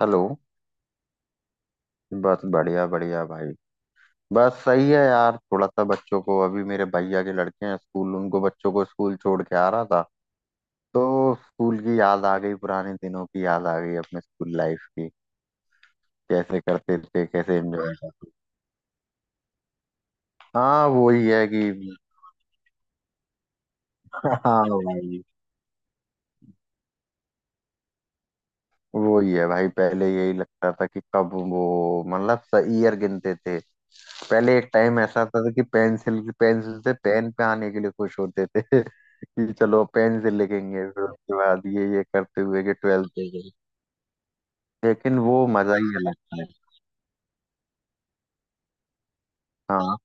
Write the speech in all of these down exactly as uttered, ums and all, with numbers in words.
Hello. बस बढ़िया बढ़िया भाई। बस सही है यार। थोड़ा सा बच्चों को, अभी मेरे भैया के लड़के हैं स्कूल, उनको बच्चों को स्कूल छोड़ के आ रहा था। तो स्कूल की याद आ गई, पुराने दिनों की याद आ गई अपने स्कूल लाइफ की। कैसे करते थे, कैसे एंजॉय करते। हाँ वही है कि हाँ भाई। वही है भाई, पहले यही लगता था कि कब वो मतलब ईयर गिनते थे। पहले एक टाइम ऐसा था कि पेंसिल पेंसिल से पेन पे आने के लिए खुश होते थे कि चलो पेन से लिखेंगे, फिर उसके बाद ये ये करते हुए कि ट्वेल्थ दे गई। लेकिन वो मजा ही अलग था। हाँ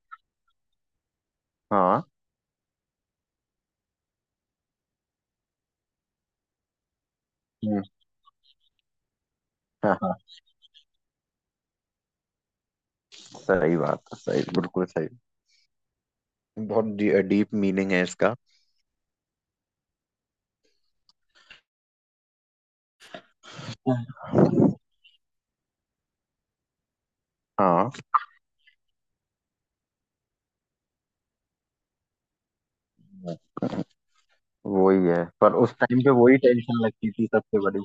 हाँ। हम्म, हाँ हाँ, सही बात है, सही, बिल्कुल सही। बहुत डीप मीनिंग है इसका। हाँ वही है, पर उस टाइम पे वही टेंशन लगती थी सबसे बड़ी।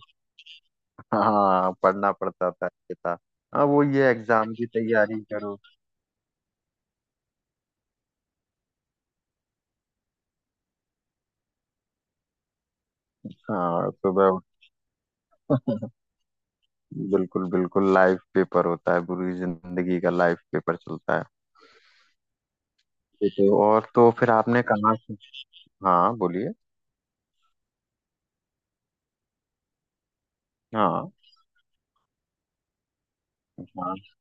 हाँ पढ़ना पड़ता था, ये था। हाँ वो ये एग्जाम की तैयारी करो। हाँ सुबह, बिल्कुल बिल्कुल लाइफ पेपर होता है, पूरी जिंदगी का लाइफ पेपर चलता है। ये तो, और तो फिर आपने कहाँ से। हाँ बोलिए। हाँ हाँ।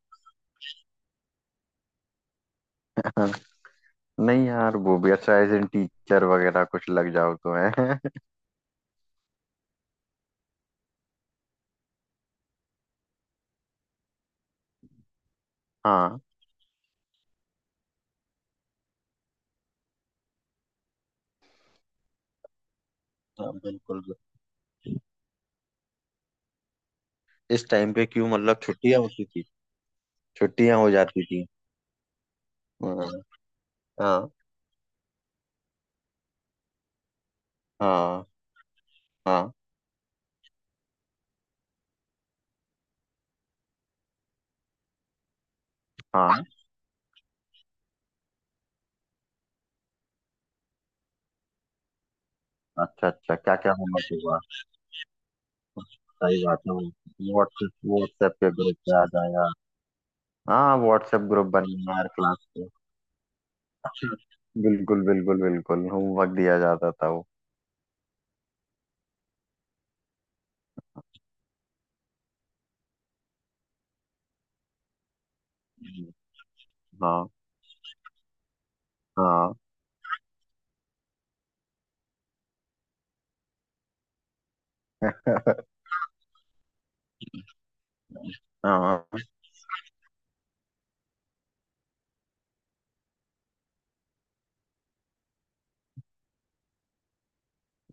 नहीं यार, वो भी अच्छा, एज इन टीचर वगैरह कुछ लग जाओ तो है। हाँ। हाँ, बिल्कुल। इस टाइम पे क्यों मतलब छुट्टियां होती थी, छुट्टियां हो जाती थी। हाँ हाँ हाँ हाँ हाँ। अच्छा अच्छा, क्या क्या होमवर्क हुआ। सही बात है। व्हाट्सएप, व्हाट्सएप के ग्रुप पे आ जाएगा। हाँ व्हाट्सएप ग्रुप बनना यार क्लास। बिल्कुल बिल्कुल बिल्कुल होमवर्क दिया जाता था वो। हाँ हाँ। हाँ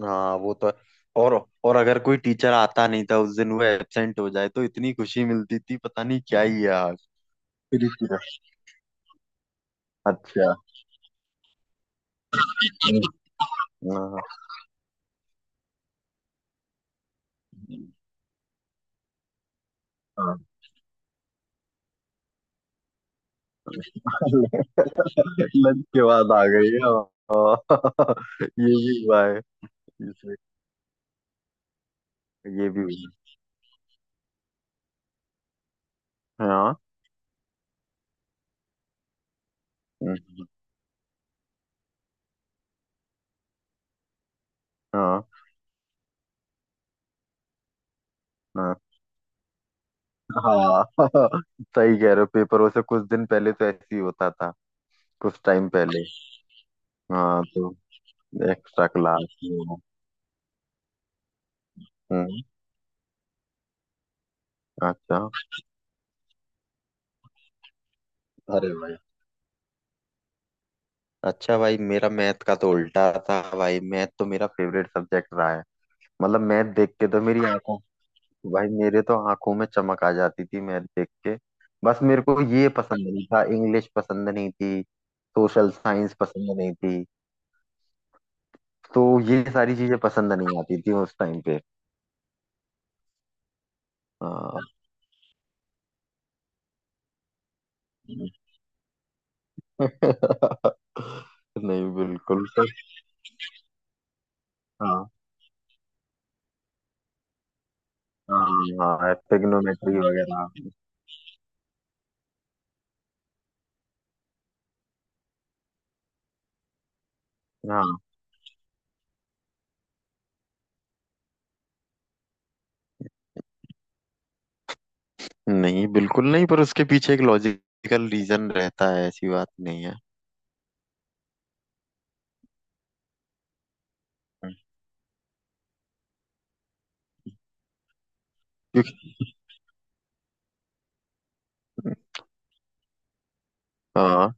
हाँ वो तो है। और और अगर कोई टीचर आता नहीं था उस दिन, वो एब्सेंट हो जाए तो इतनी खुशी मिलती थी, पता नहीं क्या ही है आज। फिर इसी- अच्छा। हाँ हाँ। लंच के बाद आ गई है। हाँ। ये भी हुआ है। इसमें ये भी हुआ है। हाँ। हम्म, हाँ हाँ हाँ। सही कह रहे हो, पेपरों से कुछ दिन पहले तो ऐसे ही होता था। कुछ टाइम पहले। हाँ तो एक्स्ट्रा क्लास। हम्म। अच्छा, अरे भाई। अच्छा भाई, मेरा मैथ का तो उल्टा था भाई, मैथ तो मेरा फेवरेट सब्जेक्ट रहा है। मतलब मैथ देख के तो मेरी आंखों, भाई मेरे तो आंखों में चमक आ जाती थी मैथ देख के। बस मेरे को ये पसंद नहीं था, इंग्लिश पसंद नहीं थी, सोशल साइंस पसंद नहीं थी। तो ये सारी चीजें पसंद नहीं आती थी उस टाइम पे। हाँ नहीं बिल्कुल सर। हाँ ट्रिग्नोमेट्री वगैरह। हाँ नहीं, बिल्कुल नहीं, पर उसके पीछे एक लॉजिकल रीजन रहता है, ऐसी बात नहीं है। क्योंकि हाँ।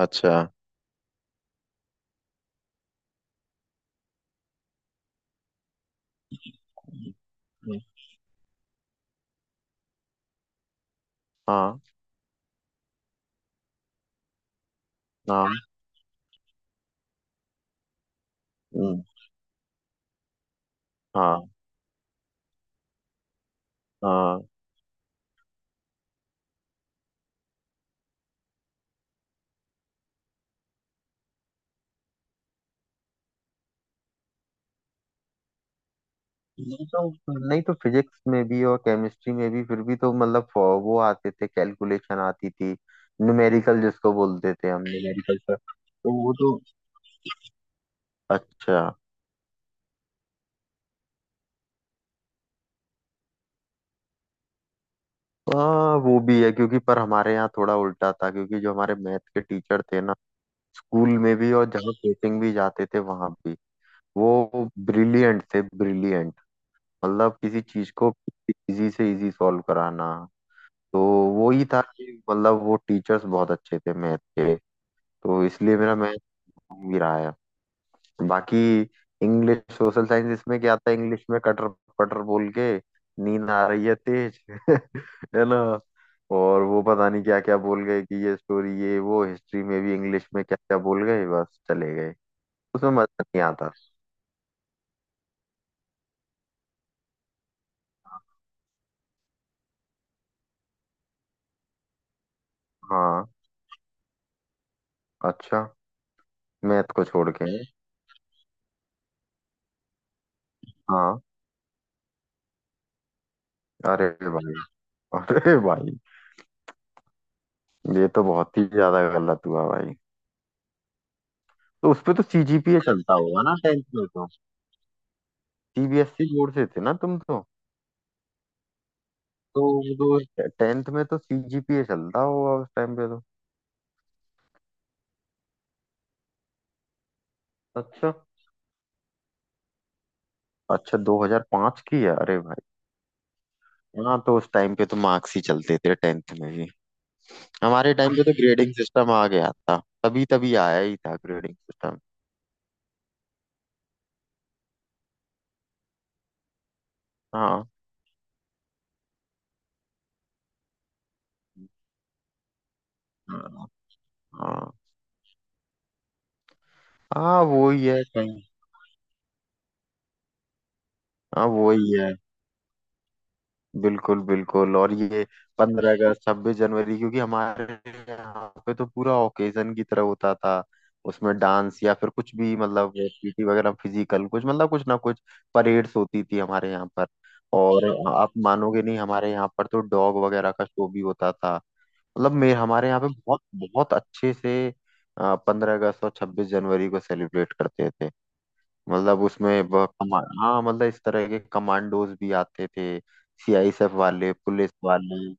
अच्छा हाँ हाँ। हम्म, हाँ हाँ। नहीं तो, नहीं तो फिजिक्स में भी और केमिस्ट्री में भी, फिर भी तो मतलब फ- वो आते थे, कैलकुलेशन आती थी, न्यूमेरिकल जिसको बोलते थे हम न्यूमेरिकल सर, तो वो तो। अच्छा हाँ वो भी है। क्योंकि पर हमारे यहाँ थोड़ा उल्टा था, क्योंकि जो हमारे मैथ के टीचर थे ना, स्कूल में भी और जहाँ कोचिंग भी जाते थे वहां भी, वो ब्रिलियंट थे, ब्रिलियंट। मतलब किसी चीज को इजी से इजी सॉल्व कराना। तो वो ही था कि, मतलब वो टीचर्स बहुत अच्छे थे मैथ के। तो इसलिए मेरा मैथ भी रहा है। बाकी इंग्लिश, सोशल साइंस, इसमें क्या था, इंग्लिश में कटर पटर बोल के नींद आ रही है तेज। है ना। और वो पता नहीं क्या क्या बोल गए कि ये स्टोरी, ये वो, हिस्ट्री में भी इंग्लिश में क्या क्या बोल गए बस चले गए। उसमें मजा नहीं आता। हाँ। अच्छा, मैथ को छोड़ के। हाँ। अरे भाई, अरे भाई, ये तो बहुत ही ज्यादा गलत हुआ भाई। तो उसपे तो सीजीपीए चलता होगा ना टेंथ में तो। सीबीएसई बोर्ड से थे ना तुम तो। तो वो तो टेंथ में तो सीजीपीए चलता होगा उस टाइम पे तो। अच्छा, अच्छा दो हज़ार पाँच की है। अरे भाई। हाँ तो उस टाइम पे तो मार्क्स ही चलते थे टेंथ में भी। हमारे टाइम पे तो ग्रेडिंग सिस्टम आ गया था, तभी तभी आया ही था ग्रेडिंग सिस्टम। हाँ हाँ। हाँ वो ही है कहीं। हाँ वो ही है, बिल्कुल बिल्कुल। और ये पंद्रह अगस्त, छब्बीस जनवरी, क्योंकि हमारे यहाँ पे तो पूरा ओकेजन की तरह होता था। उसमें डांस या फिर कुछ भी, मतलब पीटी वगैरह, फिजिकल कुछ, मतलब कुछ ना कुछ, परेड्स होती थी हमारे यहाँ पर। और आप मानोगे नहीं, हमारे यहाँ पर तो डॉग वगैरह का शो भी होता था। मतलब मेरे, हमारे यहाँ पे बहुत बहुत अच्छे से पंद्रह अगस्त और छब्बीस जनवरी को सेलिब्रेट करते थे। मतलब उसमें ब- कमा हाँ, मतलब इस तरह के कमांडोज भी आते थे, सीआईएसएफ वाले, पुलिस वाले,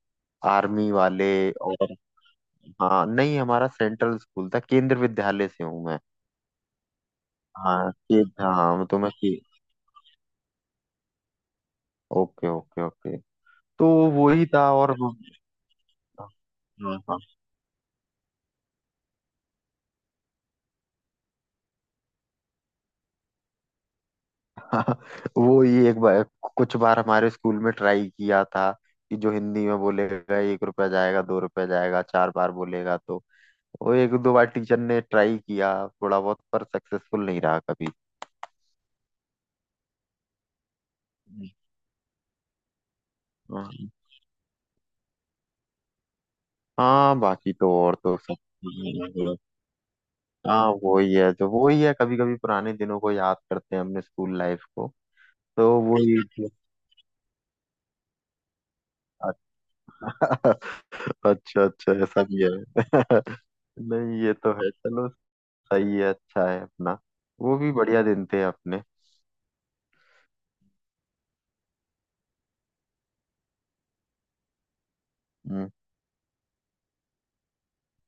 आर्मी वाले। और हाँ, नहीं हमारा सेंट्रल स्कूल था, केंद्र विद्यालय से हूँ मैं। हाँ के, हाँ तो मैं के, ओके ओके ओके। तो वही था और वो- हाँ हाँ। वो ही एक बार, कुछ बार हमारे स्कूल में ट्राई किया था कि जो हिंदी में बोलेगा एक रुपया जाएगा, दो रुपया जाएगा, चार बार बोलेगा तो, वो एक दो बार टीचर ने ट्राई किया थोड़ा बहुत पर सक्सेसफुल नहीं रहा कभी। हाँ। हाँ, बाकी तो और तो सब ठीक है। हाँ वही है, तो वही है, कभी कभी पुराने दिनों को याद करते हैं अपने स्कूल लाइफ को। तो वही। अच्छा अच्छा अच्छा ऐसा भी है। नहीं ये तो है, चलो। सही है, अच्छा है अपना। वो भी बढ़िया दिन थे अपने। हम्म।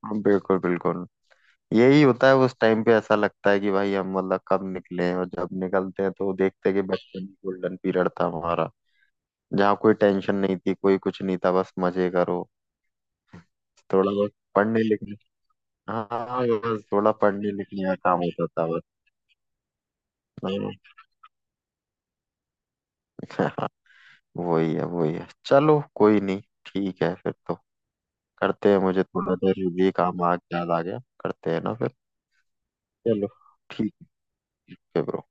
हाँ, बिल्कुल बिल्कुल। यही होता है, उस टाइम पे ऐसा लगता है कि भाई हम मतलब कब निकले हैं, और जब निकलते हैं तो देखते हैं कि बचपन गोल्डन पीरियड था हमारा, जहाँ कोई टेंशन नहीं थी, कोई कुछ नहीं था, बस मजे करो, थोड़ा बहुत पढ़ने लिखने। हाँ बस थोड़ा पढ़ने लिखने का काम होता था बस। हाँ, वही है वही है, चलो कोई नहीं। ठीक है फिर तो, करते हैं, मुझे थोड़ा जरूरी काम आ याद आ गया, करते हैं ना फिर। चलो ठीक है ब्रो।